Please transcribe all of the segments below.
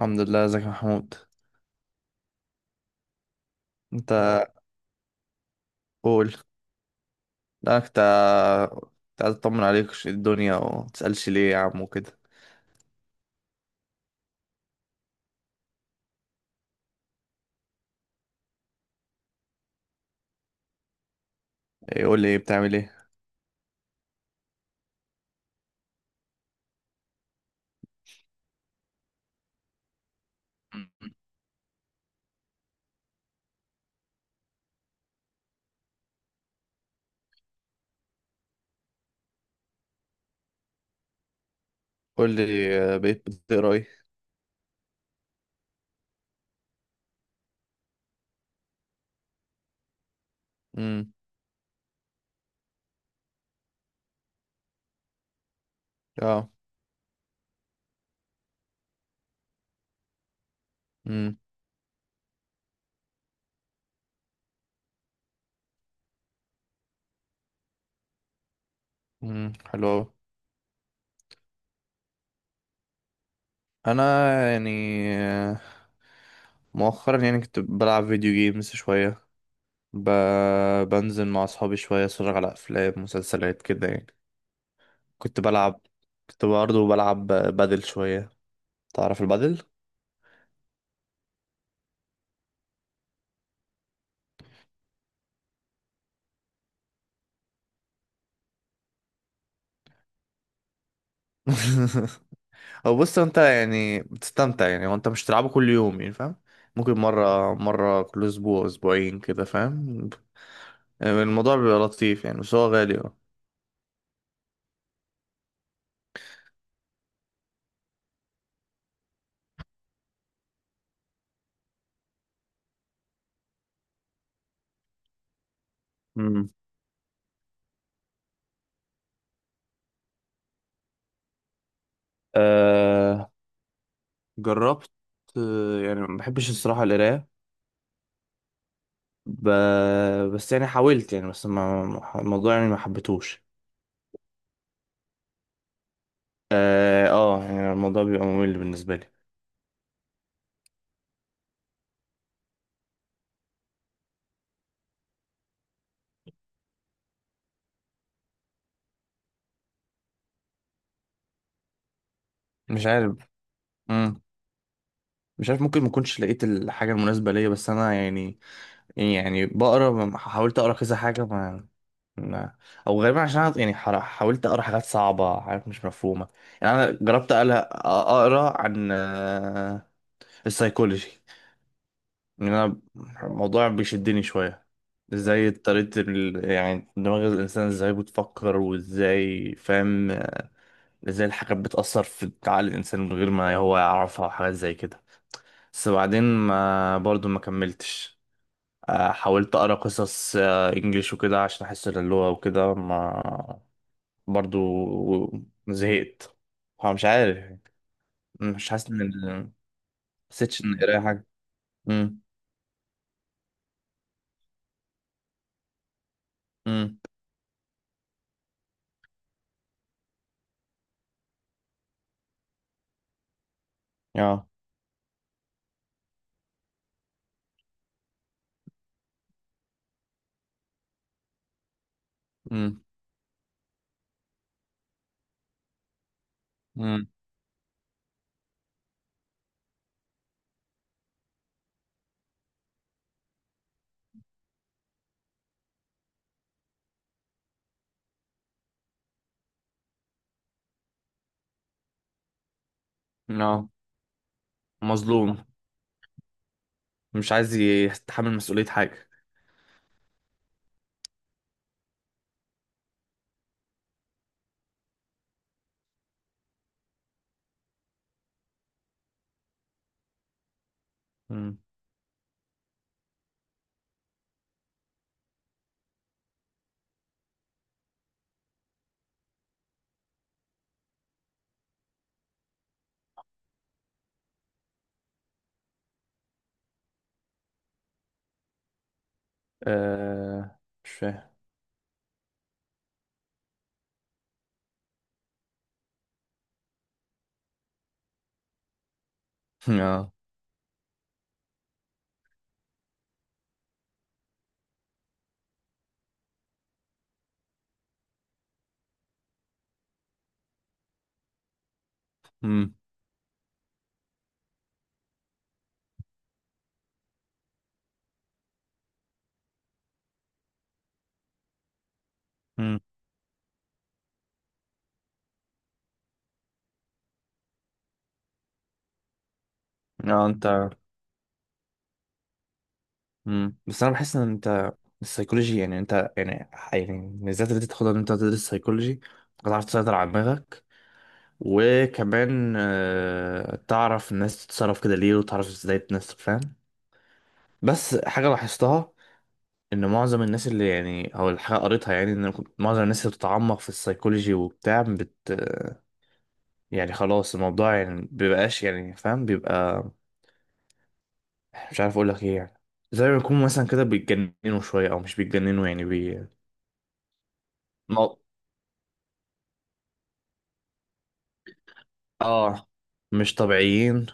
الحمد لله، ازيك يا محمود. انت قول. لا، كنت عايز اطمن عليك وش الدنيا وما تسألش ليه يا عم وكده. ايه، قول لي بتعمل ايه؟ مم. قول لي بقيت بتقرا ايه؟ امم. اه. امم. امم، حلو أوي. انا يعني آه، مؤخرا يعني كنت بلعب فيديو جيمز شويه. ب... بنزل مع اصحابي شويه، اتفرج على افلام مسلسلات كده يعني. كنت بلعب كنت برضه بلعب بدل شويه. تعرف البدل؟ هو بص، انت يعني بتستمتع يعني وانت مش تلعبه كل يوم يعني، فاهم؟ ممكن مرة مرة كل اسبوع اسبوعين كده، فاهم؟ الموضوع بيبقى لطيف يعني بس هو غالي. اه. امم. أه، جربت. يعني ما بحبش الصراحة القراية. ب... بس يعني حاولت يعني، بس الموضوع يعني ما حبيتهوش. اه، يعني الموضوع بيبقى ممل بالنسبة لي. مش عارف. مم. مش عارف، ممكن ما كنتش لقيت الحاجة المناسبة ليا، بس انا يعني يعني بقرا حاولت اقرا كذا حاجه ما ما او غالبا عشان أنا يعني حاولت اقرا حاجات صعبه حاجات مش مفهومه. يعني انا جربت اقرا عن السيكولوجي. ان انا الموضوع بيشدني شويه. ازاي طريقه يعني دماغ الانسان ازاي بتفكر وازاي، فاهم؟ ازاي الحاجات بتاثر في عقل الانسان من غير ما هو يعرفها وحاجات زي كده. بس بعدين ما برضو ما كملتش. حاولت اقرا قصص انجليش وكده عشان احس إن اللغه وكده ما. برضو زهقت. فمش عارف يعني. مش حاسس ان ما حسيتش ان قرايه حاجه. امم. امم. يا. امم. امم. يا مظلوم، مش عايز يتحمل مسؤوليه حاجه. امم، مش فاهم. يا. امم. امم. يا انت. مم. بس انا بحس ان انت السيكولوجي يعني انت يعني يعني بالذات اللي انت تاخدها ان انت تدرس سيكولوجي، هتعرف تسيطر على دماغك وكمان تعرف الناس تتصرف كده ليه، وتعرف ازاي الناس تفهم. بس حاجة لاحظتها، ان معظم الناس اللي يعني او الحاجة قريتها يعني، ان معظم الناس اللي بتتعمق في السيكولوجي وبتاع بت، يعني خلاص الموضوع يعني بيبقاش يعني فاهم بيبقى. مش عارف اقول لك ايه يعني. زي ما يكون مثلا كده بيتجننوا شوية، او مش بيتجننوا يعني بي. اه، مش طبيعيين.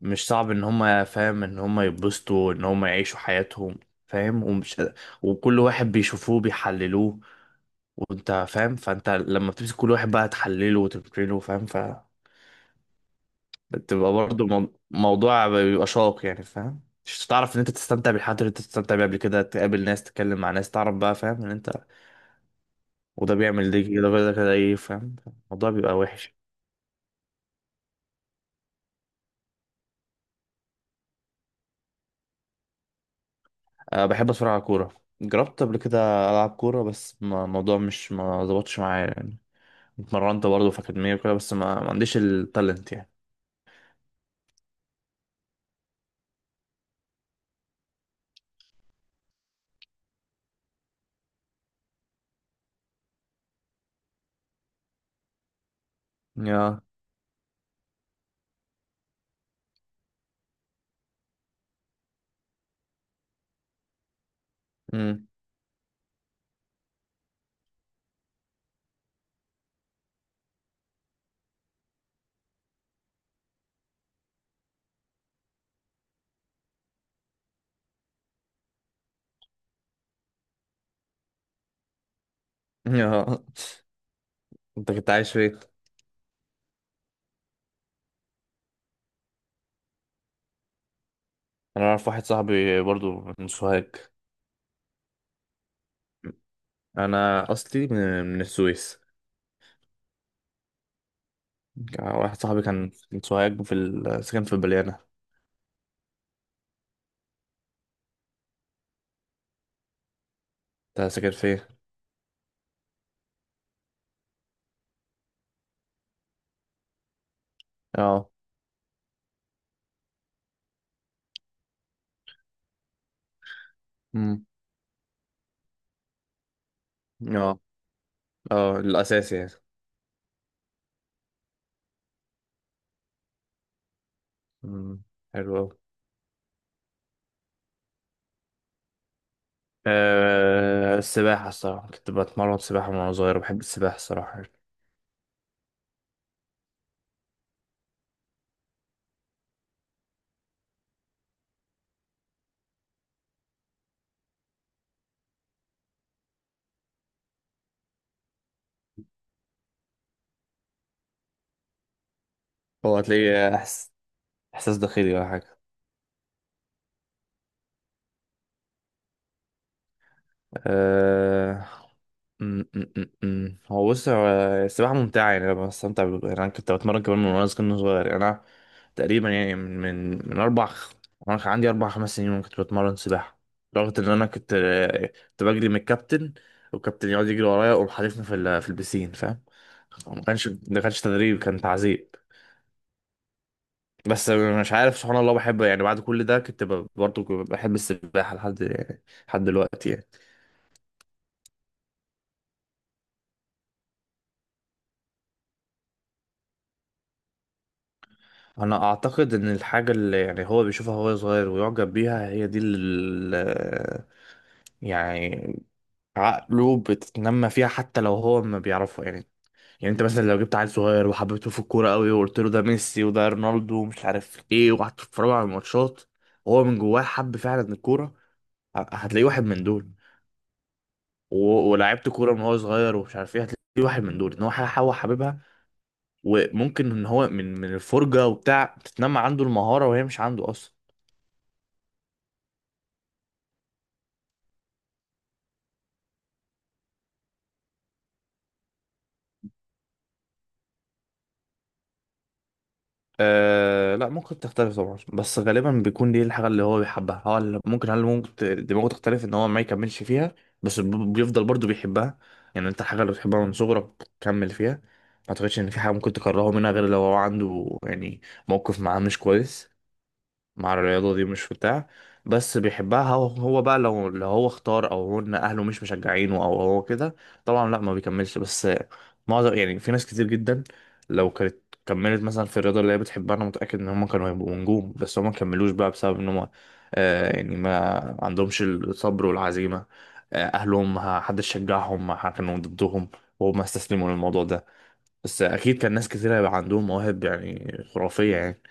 مش صعب ان هم فاهم ان هم يتبسطوا ان هم يعيشوا حياتهم، فاهم؟ ومش. وكل واحد بيشوفوه بيحللوه. وانت فاهم، فانت لما بتمسك كل واحد بقى تحلله وتفكره، فاهم؟ فبتبقى برضه موضوع بيبقى شاق يعني، فاهم؟ مش تعرف ان انت تستمتع بالحاجات اللي انت بتستمتع بيها قبل كده، تقابل ناس تتكلم مع ناس تعرف بقى، فاهم ان انت. وده بيعمل دي كده وده كده ايه، فاهم؟ الموضوع بيبقى وحش. أه، بحب اتفرج على كورة. جربت قبل كده ألعب كورة بس الموضوع مش ما ظبطش معايا يعني. اتمرنت برضه في أكاديمية وكده بس ما عنديش التالنت يعني. يا. مم. يا. انت كنت عايش فين؟ أنا أعرف واحد صاحبي برضه من سوهاج. أنا أصلي من السويس. واحد صاحبي كان من سوهاج في سكن في البليانة. انت ساكن فين؟ اه. مم. اه، اه الأساسي يعني. مم. حلو أوي. أه السباحة الصراحة، كنت بتمرن سباحة من وأنا صغير. بحب السباحة الصراحة. هو هتلاقي إحساس داخلي ولا حاجة؟ أه... م- م- م- م. هو بص، هو السباحة ممتعة يعني، أنا بستمتع يعني أنا كنت بتمرن كمان من وأنا صغير صغير يعني أنا. تقريبا يعني وأنا كان عندي أربع خمس سنين وأنا كنت بتمرن سباحة. لدرجة إن أنا كنت بجري من الكابتن. والكابتن يقعد يجري ورايا ويقوم حادفني في في البسين، فاهم؟ ما كانش تدريب كان تعذيب. بس مش عارف، سبحان الله بحب يعني، بعد كل ده كنت برضه بحب السباحة لحد يعني، لحد دلوقتي يعني. أنا أعتقد إن الحاجة اللي يعني هو بيشوفها وهو صغير ويعجب بيها هي دي اللي يعني عقله بتتنمى فيها حتى لو هو ما بيعرفها يعني. يعني أنت مثلا لو جبت عيل صغير وحببته في الكورة قوي وقلت له ده ميسي وده رونالدو ومش عارف إيه وقعدت تتفرجوا على الماتشات، وهو من جواه حب فعلا الكورة، هتلاقيه واحد من دول. ولعبت كوره من هو صغير ومش عارف ايه، هتلاقي واحد من دول، ان هو هو حاببها. وممكن ان هو من الفرجه وبتاع تتنمى عنده المهاره وهي مش عنده اصلا. آه لا، ممكن تختلف طبعا، بس غالبا بيكون دي الحاجه اللي هو بيحبها، هو اللي ممكن هل ممكن دماغه تختلف ان هو ما يكملش فيها. بس بيفضل برضو بيحبها. يعني انت الحاجه اللي بتحبها من صغرك كمل فيها. ما اعتقدش ان في حاجه ممكن تكرهه منها غير لو هو عنده يعني موقف معاه مش كويس. مع الرياضة دي مش في بتاع. بس بيحبها هو بقى لو هو اختار او هن اهله مش مشجعينه او هو كده، طبعا لا ما بيكملش. بس معظم يعني في ناس كتير جدا، لو كانت كملت مثلا في الرياضة اللي هي بتحبها، انا متأكد ان هم كانوا هيبقوا نجوم، بس هم ما كملوش بقى بسبب ان هم، يعني ما عندهمش الصبر والعزيمة. اهلهم ما حدش شجعهم، ما حد- كانوا ضدهم، وهم استسلموا للموضوع ده. بس اكيد كان ناس كتير هيبقى عندهم مواهب يعني خرافية يعني.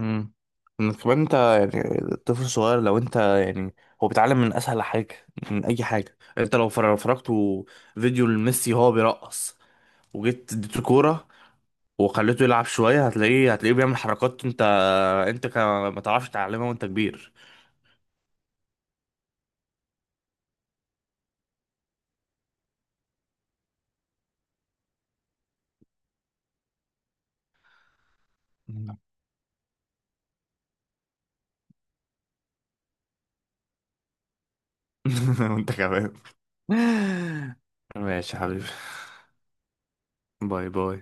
امم. انك كمان انت يعني الطفل الصغير لو انت يعني، هو بيتعلم من اسهل حاجه، من اي حاجه. انت لو فرجته فيديو لميسي هو بيرقص وجيت اديته كوره وخليته يلعب شويه، هتلاقيه بيعمل حركات انت ما تعرفش تعلمها وانت كبير. وانت كمان. ماشي يا حبيبي. باي باي.